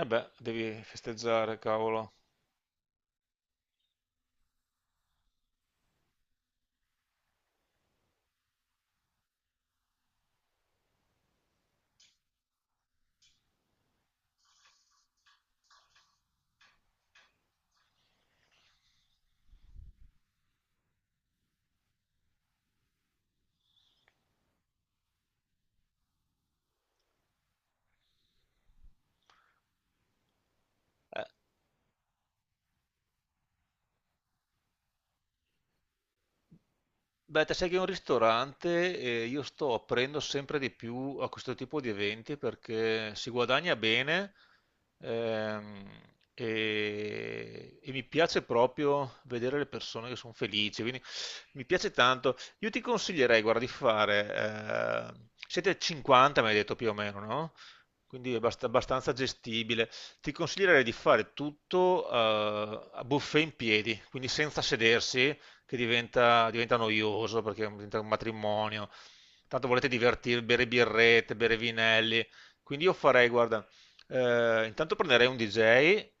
Eh beh, devi festeggiare, cavolo. Eh, Beh, te sai che è un ristorante e io sto aprendo sempre di più a questo tipo di eventi perché si guadagna bene ehm, e mi piace proprio vedere le persone che sono felici, quindi mi piace tanto. Io ti consiglierei, guarda, di fare, siete 50, mi hai detto più o meno, no? Quindi è abbastanza gestibile. Ti consiglierei di fare tutto a buffet in piedi, quindi senza sedersi che diventa noioso perché diventa un matrimonio. Tanto volete divertirvi, bere birrette, bere vinelli. Quindi io farei, guarda, intanto prenderei un DJ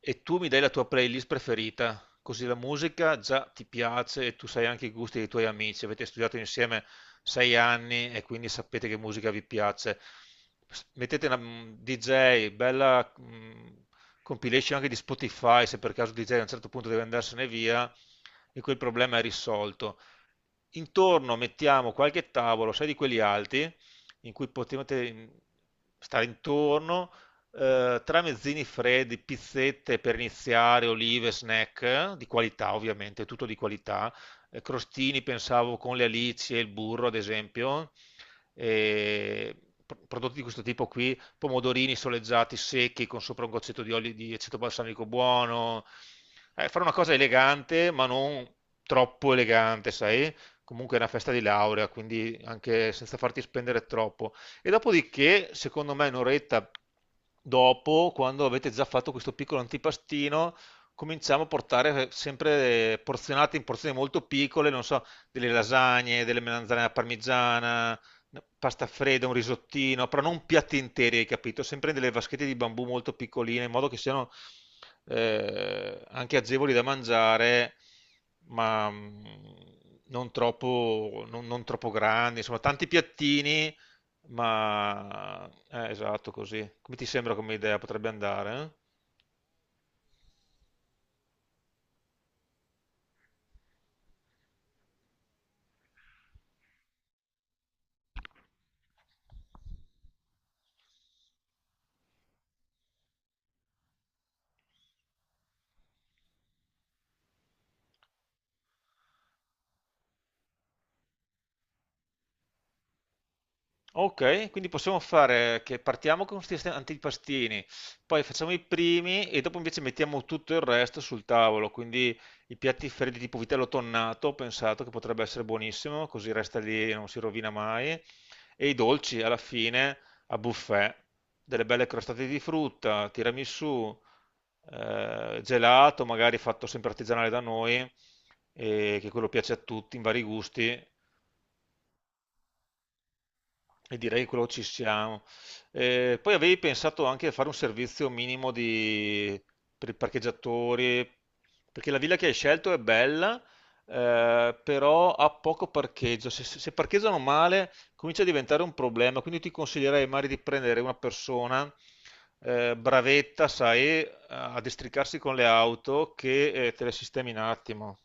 e tu mi dai la tua playlist preferita, così la musica già ti piace e tu sai anche i gusti dei tuoi amici. Avete studiato insieme sei anni e quindi sapete che musica vi piace. Mettete una DJ, bella compilation anche di Spotify, se per caso DJ a un certo punto deve andarsene via e quel problema è risolto. Intorno mettiamo qualche tavolo, sai di quelli alti, in cui potete stare intorno tramezzini freddi, pizzette per iniziare, olive, snack di qualità, ovviamente, tutto di qualità. Crostini, pensavo con le alici e il burro, ad esempio. E prodotti di questo tipo qui, pomodorini soleggiati secchi con sopra un goccetto di olio di aceto balsamico buono. Fare una cosa elegante, ma non troppo elegante, sai? Comunque è una festa di laurea, quindi anche senza farti spendere troppo. E dopodiché, secondo me, un'oretta dopo, quando avete già fatto questo piccolo antipastino, cominciamo a portare sempre porzionate in porzioni molto piccole, non so, delle lasagne, delle melanzane alla parmigiana, no, pasta fredda, un risottino, però non piatti interi, hai capito? Sempre delle vaschette di bambù molto piccoline, in modo che siano anche agevoli da mangiare, ma non troppo, non troppo grandi, insomma, tanti piattini ma esatto, così. Come ti sembra come idea? Potrebbe andare, eh? Ok, quindi possiamo fare che partiamo con questi antipastini, poi facciamo i primi e dopo invece mettiamo tutto il resto sul tavolo, quindi i piatti freddi tipo vitello tonnato, ho pensato che potrebbe essere buonissimo, così resta lì e non si rovina mai, e i dolci alla fine a buffet, delle belle crostate di frutta, tiramisù, gelato, magari fatto sempre artigianale da noi, e che quello piace a tutti in vari gusti. E direi che quello ci siamo. Poi avevi pensato anche a fare un servizio minimo per i parcheggiatori, perché la villa che hai scelto è bella, però ha poco parcheggio. Se parcheggiano male comincia a diventare un problema, quindi ti consiglierei magari di prendere una persona bravetta, sai, a districarsi con le auto che te le sistemi in un attimo.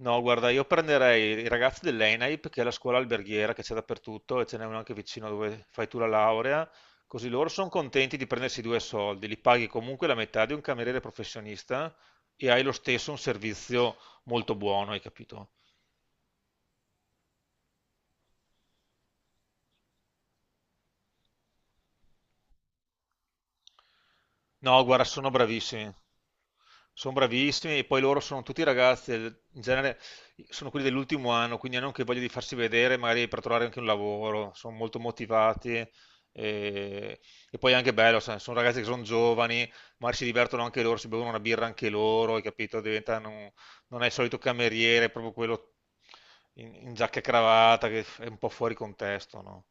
No, guarda, io prenderei i ragazzi dell'ENAIP, che è la scuola alberghiera che c'è dappertutto e ce n'è una anche vicino dove fai tu la laurea, così loro sono contenti di prendersi due soldi, li paghi comunque la metà di un cameriere professionista e hai lo stesso un servizio molto buono, hai capito? No, guarda, sono bravissimi. Sono bravissimi e poi loro sono tutti ragazzi, in genere sono quelli dell'ultimo anno, quindi hanno anche voglia di farsi vedere, magari per trovare anche un lavoro, sono molto motivati e poi è anche bello, sai, sono ragazzi che sono giovani, magari si divertono anche loro, si bevono una birra anche loro, hai capito? Diventano, non è il solito cameriere, è proprio quello in giacca e cravatta che è un po' fuori contesto, no?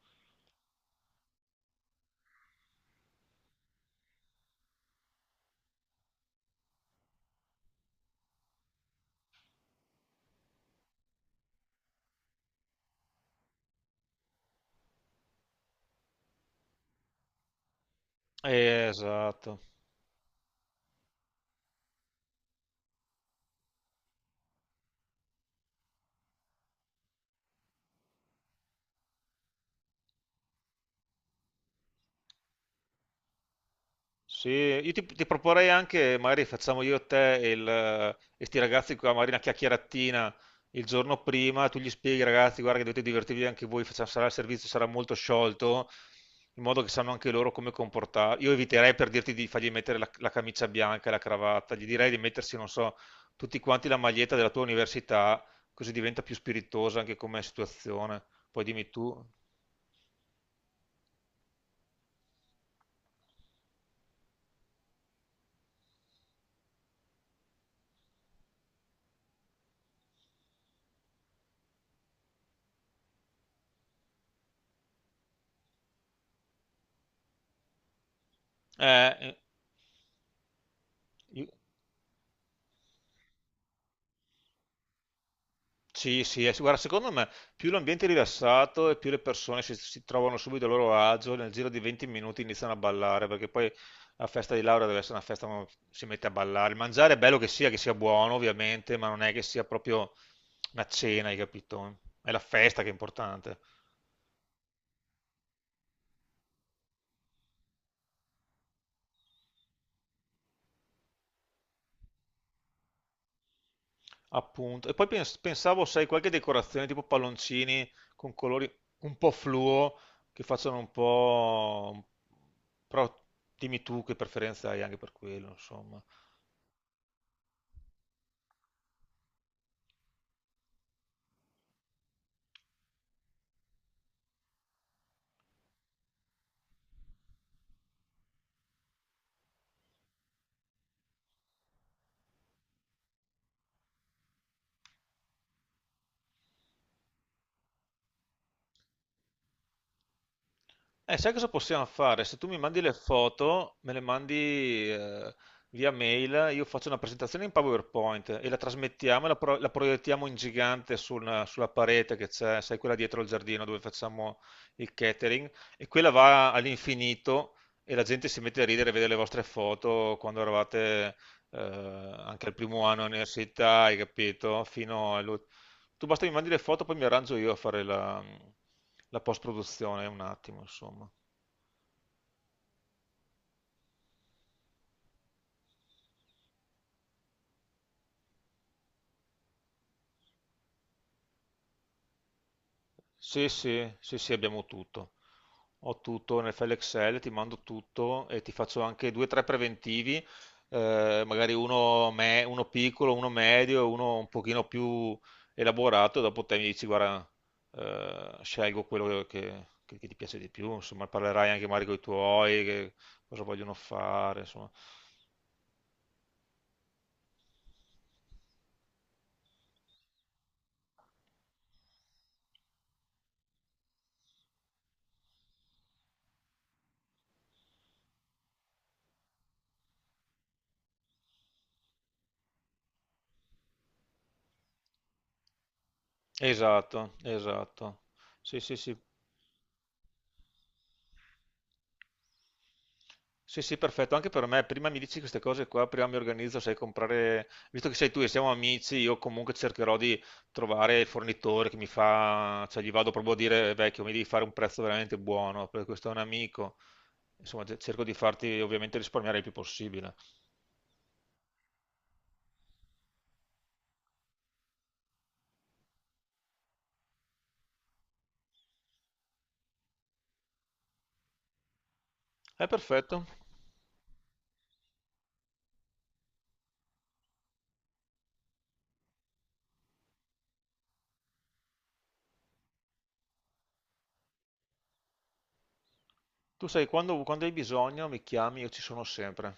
Esatto. Sì, ti proporrei anche, magari facciamo io e te e il, e sti ragazzi qua, magari una chiacchieratina il giorno prima, tu gli spieghi ragazzi, guarda che dovete divertirvi anche voi, sarà il servizio, sarà molto sciolto, in modo che sanno anche loro come comportarsi. Io eviterei per dirti di fargli mettere la camicia bianca e la cravatta, gli direi di mettersi, non so, tutti quanti la maglietta della tua università, così diventa più spiritosa anche come situazione. Poi dimmi tu. Eh, io- Sì, sì, sì, guarda, secondo me più l'ambiente è rilassato e più le persone si trovano subito a loro agio, nel giro di 20 minuti iniziano a ballare, perché poi la festa di laurea deve essere una festa dove si mette a ballare. Il mangiare è bello che sia buono ovviamente, ma non è che sia proprio una cena, hai capito? È la festa che è importante, appunto. E poi pensavo, sai, qualche decorazione tipo palloncini con colori un po' fluo, che facciano un po'... Però dimmi tu che preferenza hai anche per quello, insomma. Sai cosa possiamo fare? Se tu mi mandi le foto, me le mandi via mail, io faccio una presentazione in PowerPoint e la trasmettiamo e la proiettiamo in gigante sulla parete che c'è, sai, quella dietro il giardino dove facciamo il catering, e quella va all'infinito e la gente si mette a ridere e vede le vostre foto quando eravate eh, anche al primo anno all'università, hai capito? Fino tu basta che mi mandi le foto, poi mi arrangio io a fare la post-produzione, un attimo, insomma. Sì, sì, sì, sì, abbiamo tutto. Ho tutto nel file Excel, ti mando tutto e ti faccio anche due o tre preventivi, magari uno, uno piccolo, uno medio e uno un pochino più elaborato. Dopo te mi dici, guarda, scelgo quello che ti piace di più. Insomma, parlerai anche magari con i tuoi, che cosa vogliono fare, insomma. Esatto, esatto. Sì, sì, sì. Sì, sì, perfetto, anche per me. Prima mi dici queste cose qua, prima mi organizzo, sai, comprare, visto che sei tu e siamo amici, io comunque cercherò di trovare il fornitore che mi fa, cioè gli vado proprio a dire, vecchio, mi devi fare un prezzo veramente buono, perché questo è un amico. Insomma, cerco di farti ovviamente risparmiare il più possibile. È perfetto. Tu sai, quando hai bisogno mi chiami, io ci sono sempre.